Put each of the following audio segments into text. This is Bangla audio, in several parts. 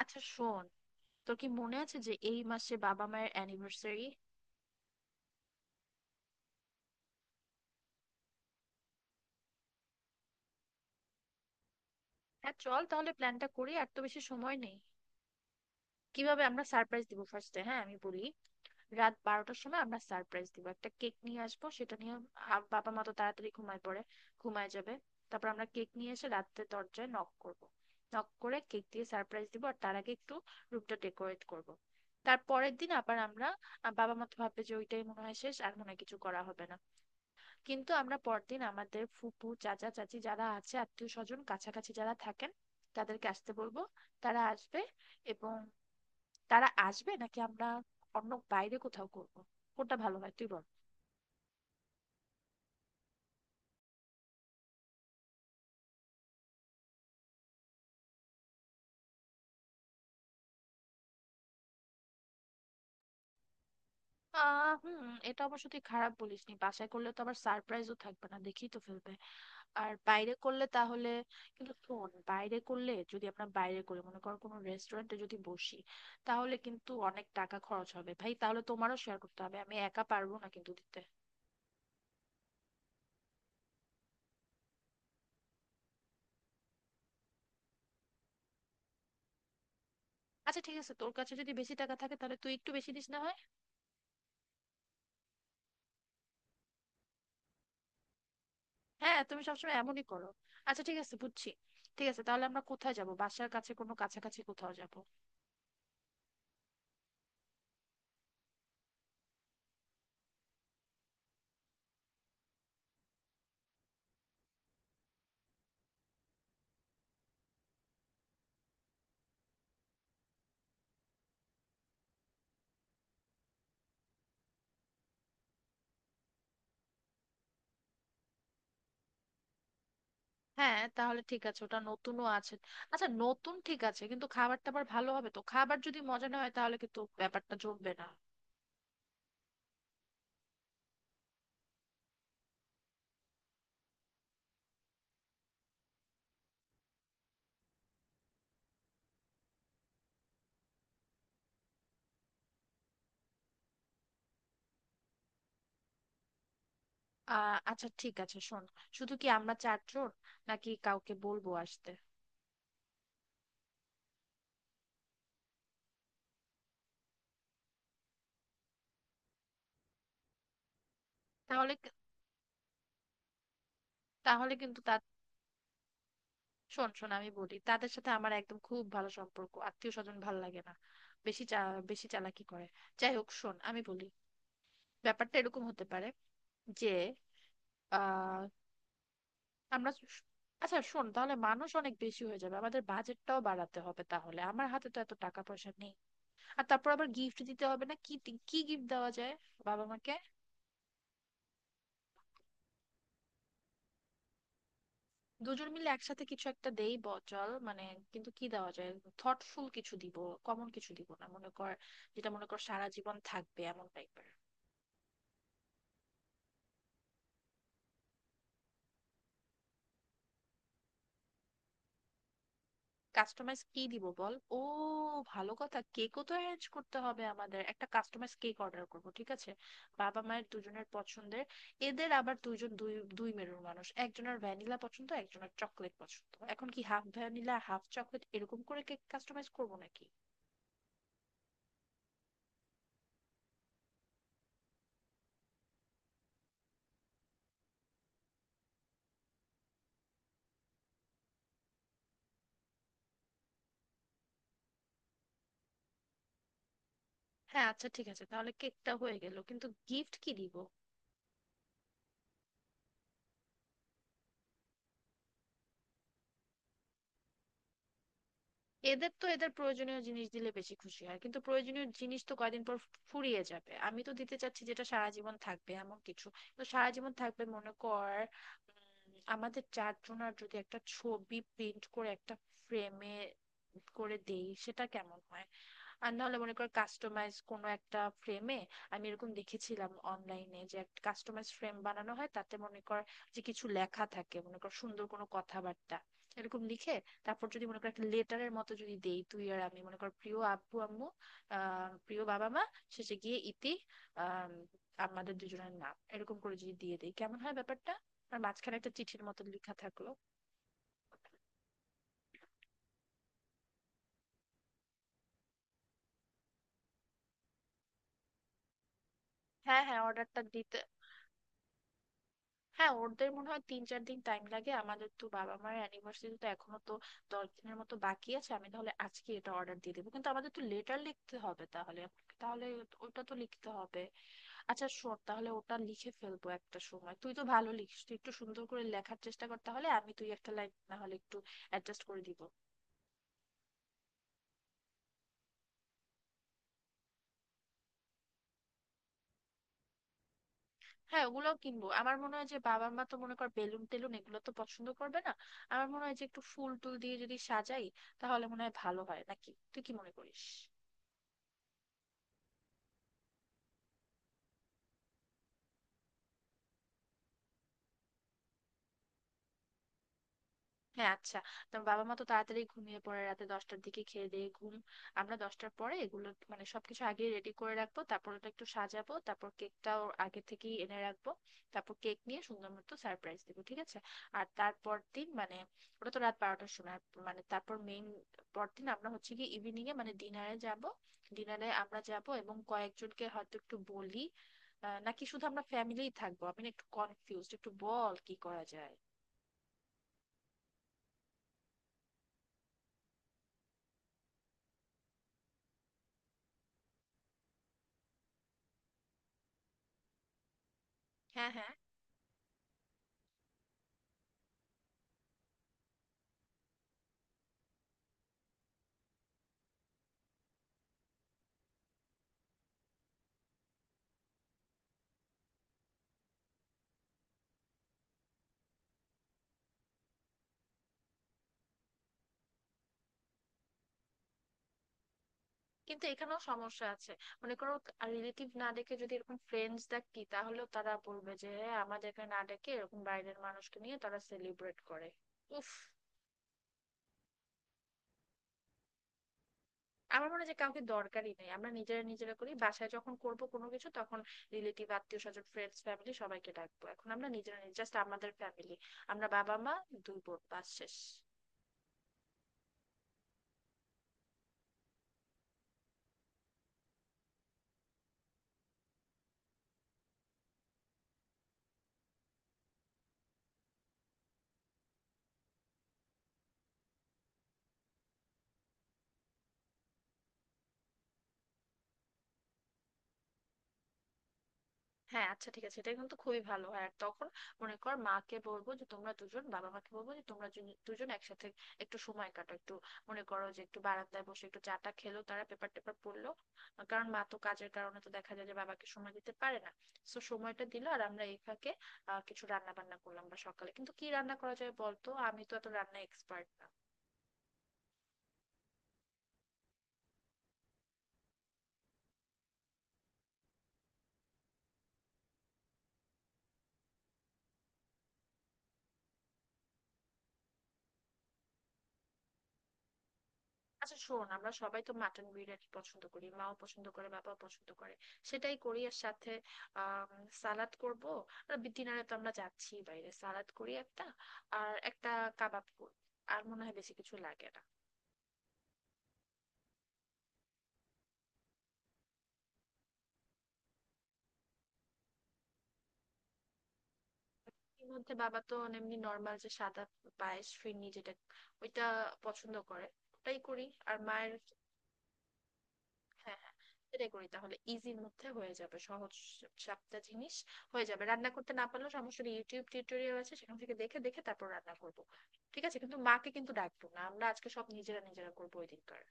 আচ্ছা শোন, তোর কি মনে আছে যে এই মাসে বাবা মায়ের অ্যানিভার্সারি? হ্যাঁ, চল তাহলে প্ল্যানটা করি, আর তো বেশি সময় নেই। কিভাবে আমরা সারপ্রাইজ দিব ফার্স্টে? হ্যাঁ, আমি বলি। রাত 12টার সময় আমরা সারপ্রাইজ দিব, একটা কেক নিয়ে আসবো সেটা নিয়ে। বাবা মা তো তাড়াতাড়ি ঘুমায় পড়ে, ঘুমায় যাবে। তারপর আমরা কেক নিয়ে এসে রাতে দরজায় নক করব। নক করে কেক দিয়ে সারপ্রাইজ দিব, আর তার আগে একটু রুমটা ডেকোরেট করব। তার পরের দিন আবার আমরা, বাবা মা তো ভাববে যে ওইটাই মনে হয় শেষ, আর মনে হয় কিছু করা হবে না। কিন্তু আমরা পরদিন আমাদের ফুপু চাচা চাচি যারা আছে, আত্মীয় স্বজন কাছাকাছি যারা থাকেন, তাদেরকে আসতে বলবো। তারা আসবে, এবং তারা আসবে নাকি আমরা অন্য বাইরে কোথাও করব? কোনটা ভালো হয় তুই বল। হুম। এটা অবশ্য তুই খারাপ বলিসনি, বাসায় করলে তো আবার সারপ্রাইজও থাকবে না, দেখেই তো ফেলবে। আর বাইরে করলে তাহলে, কিন্তু শোন, বাইরে করলে যদি আমরা বাইরে করি, মনে কর কোনো রেস্টুরেন্টে যদি বসি, তাহলে কিন্তু অনেক টাকা খরচ হবে, ভাই। তাহলে তোমারও শেয়ার করতে হবে, আমি একা পারবো না কিন্তু দিতে। আচ্ছা ঠিক আছে, তোর কাছে যদি বেশি টাকা থাকে তাহলে তুই একটু বেশি দিস না হয়। হ্যাঁ, তুমি সবসময় এমনই করো। আচ্ছা ঠিক আছে, বুঝছি। ঠিক আছে তাহলে আমরা কোথায় যাব? বাসার কাছে কোনো কাছাকাছি কোথাও যাব? হ্যাঁ তাহলে ঠিক আছে, ওটা নতুনও আছে। আচ্ছা নতুন ঠিক আছে, কিন্তু খাবার টাবার ভালো হবে তো? খাবার যদি মজা না হয় তাহলে কিন্তু ব্যাপারটা জমবে না। আচ্ছা ঠিক আছে, শোন। শুধু কি আমরা চারজন নাকি কাউকে বলবো আসতে? তাহলে, কিন্তু তাদের, শোন শোন, আমি বলি, তাদের সাথে আমার একদম খুব ভালো সম্পর্ক, আত্মীয় স্বজন ভালো লাগে না, বেশি চা বেশি চালাকি করে। যাই হোক, শোন আমি বলি, ব্যাপারটা এরকম হতে পারে যে আহ আমরা আচ্ছা শোন, তাহলে মানুষ অনেক বেশি হয়ে যাবে, আমাদের বাজেটটাও বাড়াতে হবে, তাহলে আমার হাতে তো এত টাকা পয়সা নেই। আর তারপর আবার গিফট দিতে হবে না? কি গিফট দেওয়া যায় বাবা মাকে? দুজন মিলে একসাথে কিছু একটা দেই বচল মানে। কিন্তু কি দেওয়া যায়? থটফুল কিছু দিব, কমন কিছু দিব না, মনে কর যেটা মনে কর সারা জীবন থাকবে এমন টাইপের। কাস্টমাইজ কি দিব বল। ও ভালো কথা, কেকও তো অ্যারেঞ্জ করতে হবে। আমাদের একটা কাস্টমাইজ কেক অর্ডার করব, ঠিক আছে? বাবা মায়ের দুজনের পছন্দের। এদের আবার দুইজন, দুই দুই মেরুর মানুষ, একজনের ভ্যানিলা পছন্দ, একজনের চকলেট পছন্দ। এখন কি হাফ ভ্যানিলা হাফ চকলেট এরকম করে কেক কাস্টমাইজ করব নাকি? হ্যাঁ আচ্ছা ঠিক আছে, তাহলে কেকটা হয়ে গেল, কিন্তু গিফট কি দিব? এদের তো, এদের প্রয়োজনীয় জিনিস দিলে বেশি খুশি হয়, কিন্তু প্রয়োজনীয় জিনিস তো কয়দিন পর ফুরিয়ে যাবে। আমি তো দিতে চাচ্ছি যেটা সারা জীবন থাকবে এমন কিছু। তো সারা জীবন থাকবে মনে কর, আমাদের চারজনার যদি একটা ছবি প্রিন্ট করে একটা ফ্রেমে করে দেই, সেটা কেমন হয়? আর নাহলে মনে কর কাস্টমাইজ কোনো একটা ফ্রেমে, আমি এরকম দেখেছিলাম অনলাইনে যে একটা কাস্টমাইজ ফ্রেম বানানো হয়, তাতে মনে কর যে কিছু লেখা থাকে, মনে কর সুন্দর কোনো কথাবার্তা এরকম লিখে। তারপর যদি মনে কর একটা লেটারের মতো যদি দেই, তুই আর আমি, মনে কর প্রিয় আব্বু আম্মু, প্রিয় বাবা মা, শেষে গিয়ে ইতি, আহ আমাদের দুজনের নাম, এরকম করে যদি দিয়ে দিই কেমন হয় ব্যাপারটা? আর মাঝখানে একটা চিঠির মতো লেখা থাকলো। হ্যাঁ হ্যাঁ, অর্ডারটা দিতে। হ্যাঁ, ওদের মনে হয় তিন চার দিন টাইম লাগে, আমাদের তো বাবা মায়ের অ্যানিভার্সারি তো এখনো তো 10 দিনের মতো বাকি আছে। আমি তাহলে আজকে এটা অর্ডার দিয়ে দেবো, কিন্তু আমাদের তো লেটার লিখতে হবে তাহলে। তাহলে ওটা তো লিখতে হবে। আচ্ছা শোন, তাহলে ওটা লিখে ফেলবো একটা সময়, তুই তো ভালো লিখিস, তুই একটু সুন্দর করে লেখার চেষ্টা কর, তাহলে আমি, তুই একটা লাইন না হলে একটু অ্যাডজাস্ট করে দিব। হ্যাঁ, ওগুলোও কিনবো। আমার মনে হয় যে বাবা মা তো মনে কর বেলুন টেলুন এগুলো তো পছন্দ করবে না, আমার মনে হয় যে একটু ফুল টুল দিয়ে যদি সাজাই তাহলে মনে হয় ভালো হয়, নাকি তুই কি মনে করিস? হ্যাঁ আচ্ছা। তোমার বাবা মা তো তাড়াতাড়ি ঘুমিয়ে পড়ে রাতে, 10টার দিকে খেয়ে দিয়ে ঘুম। আমরা 10টার পরে এগুলো মানে সবকিছু আগে রেডি করে রাখবো, তারপর ওটা একটু সাজাবো, তারপর কেকটাও আগে থেকেই এনে রাখবো। তারপর কেক নিয়ে সুন্দর মতো সারপ্রাইজ দেবো, ঠিক আছে? আর তারপর দিন মানে, ওটা তো রাত 12টার সময়, মানে তারপর মেইন, পরদিন আমরা হচ্ছে কি ইভিনিং এ মানে ডিনারে যাব। ডিনারে আমরা যাব এবং কয়েকজনকে হয়তো একটু বলি, নাকি শুধু আমরা ফ্যামিলিই থাকবো? আমি না একটু কনফিউজড, একটু বল কি করা যায়। হ্যাঁ হ্যাঁ। কিন্তু এখানেও সমস্যা আছে। মনে করো, রিলেটিভ না ডেকে যদি এরকম ফ্রেন্ডস ডাকি, তাহলেও তারা বলবে যে হ্যাঁ, আমাদেরকে না ডেকে এরকম বাইরের মানুষকে নিয়ে তারা সেলিব্রেট করে। উফ। আমার মনে হয় যে কাউকে দরকারই নেই, আমরা নিজেরা নিজেরা করি, বাসায় যখন করব কোনো কিছু তখন রিলেটিভ আত্মীয় স্বজন ফ্রেন্ডস ফ্যামিলি সবাইকে ডাকবো। এখন আমরা নিজেরা, জাস্ট আমাদের ফ্যামিলি, আমরা, বাবা মা, দুই বোন, বাস শেষ। হ্যাঁ আচ্ছা ঠিক আছে, এটা কিন্তু খুবই ভালো হয়। আর তখন মনে কর মাকে বলবো যে তোমরা দুজন, বাবা মাকে বলবো যে তোমরা দুজন একসাথে একটু সময় কাটাও, একটু মনে করো যে একটু বারান্দায় বসে একটু চাটা খেলো, তারা পেপার টেপার পড়লো, কারণ মা তো কাজের কারণে তো দেখা যায় যে বাবাকে সময় দিতে পারে না। তো সময়টা দিল, আর আমরা এই ফাঁকে কিছু রান্না বান্না করলাম। বা সকালে কিন্তু কি রান্না করা যায় বলতো, আমি তো এত রান্না এক্সপার্ট। আচ্ছা শোন, আমরা সবাই তো মাটন বিরিয়ানি পছন্দ করি, মাও পছন্দ করে, বাবাও পছন্দ করে। সেটাই করি, আর সাথে আম, সালাদ করব। ডিনারে তো আমরা যাচ্ছি বাইরে, সালাদ করি একটা, আর একটা কাবাব করব, আর মনে হয় বেশি কিছু লাগে না। এর মধ্যে বাবা তো এমনি নর্মাল যে সাদা পায়েস, ফিরনি, যেটা ওইটা পছন্দ করে, ওটাই করি। আর মায়ের, হ্যাঁ হ্যাঁ, সেটাই করি তাহলে। ইজির মধ্যে হয়ে যাবে, সহজ সাপটা জিনিস হয়ে যাবে। রান্না করতে না পারলেও সমস্যা নেই, ইউটিউব টিউটোরিয়াল আছে, সেখান থেকে দেখে দেখে তারপর রান্না করবো। ঠিক আছে, কিন্তু মাকে কিন্তু ডাকবো না আমরা, আজকে সব নিজেরা নিজেরা করবো ওই দিনকার।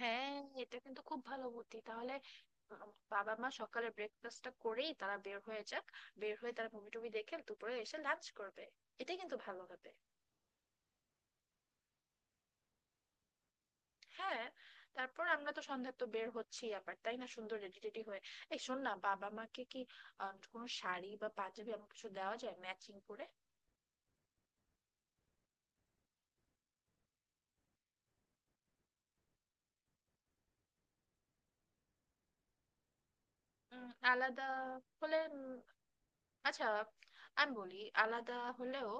হ্যাঁ, এটা কিন্তু খুব ভালো বুদ্ধি তাহলে। বাবা মা সকালে ব্রেকফাস্টটা করেই তারা বের হয়ে যাক, বের হয়ে তারা মুভি টুভি দেখে দুপুরে এসে লাঞ্চ করবে, এটাই কিন্তু ভালো হবে। হ্যাঁ। তারপর আমরা তো সন্ধ্যায় তো বের হচ্ছি আবার, তাই না, সুন্দর রেডি টেডি হয়ে। এই শোন না, বাবা মাকে কি কোনো শাড়ি বা পাঞ্জাবি এমন কিছু দেওয়া যায় ম্যাচিং করে? আলাদা হলে আচ্ছা, আমি বলি আলাদা হলেও,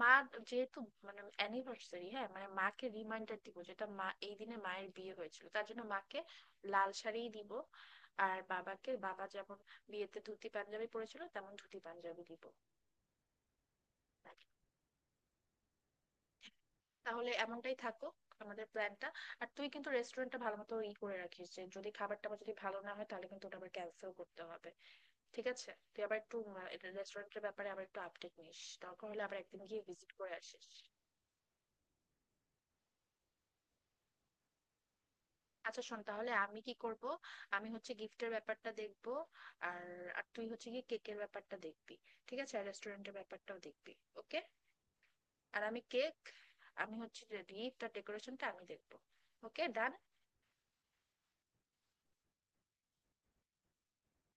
মা যেহেতু মানে অ্যানিভার্সারি, হ্যাঁ মানে মাকে রিমাইন্ডার দিব যেটা মা এই দিনে মায়ের বিয়ে হয়েছিল, তার জন্য মাকে লাল শাড়িই দিব। আর বাবাকে, বাবা যেমন বিয়েতে ধুতি পাঞ্জাবি পরেছিল, তেমন ধুতি পাঞ্জাবি দিব। তাহলে এমনটাই থাকো আমাদের প্ল্যানটা। আর তুই কিন্তু রেস্টুরেন্টটা ভালো মতো ই করে রাখিস, যে যদি খাবারটা আবার যদি ভালো না হয় তাহলে কিন্তু ওটা আবার ক্যান্সেল করতে হবে। ঠিক আছে, তুই আবার একটু রেস্টুরেন্টের ব্যাপারে আবার একটু আপডেট নিস, দরকার হলে আবার একদিন গিয়ে ভিজিট করে আসিস। আচ্ছা শোন তাহলে আমি কি করব? আমি হচ্ছে গিফটের ব্যাপারটা দেখব, আর, আর তুই হচ্ছে গিয়ে কেকের ব্যাপারটা দেখবি, ঠিক আছে? আর রেস্টুরেন্টের ব্যাপারটাও দেখবি। ওকে। আর আমি কেক, আমি হচ্ছে গিফট আর ডেকোরেশনটা আমি দেখবো। ওকে, ডান।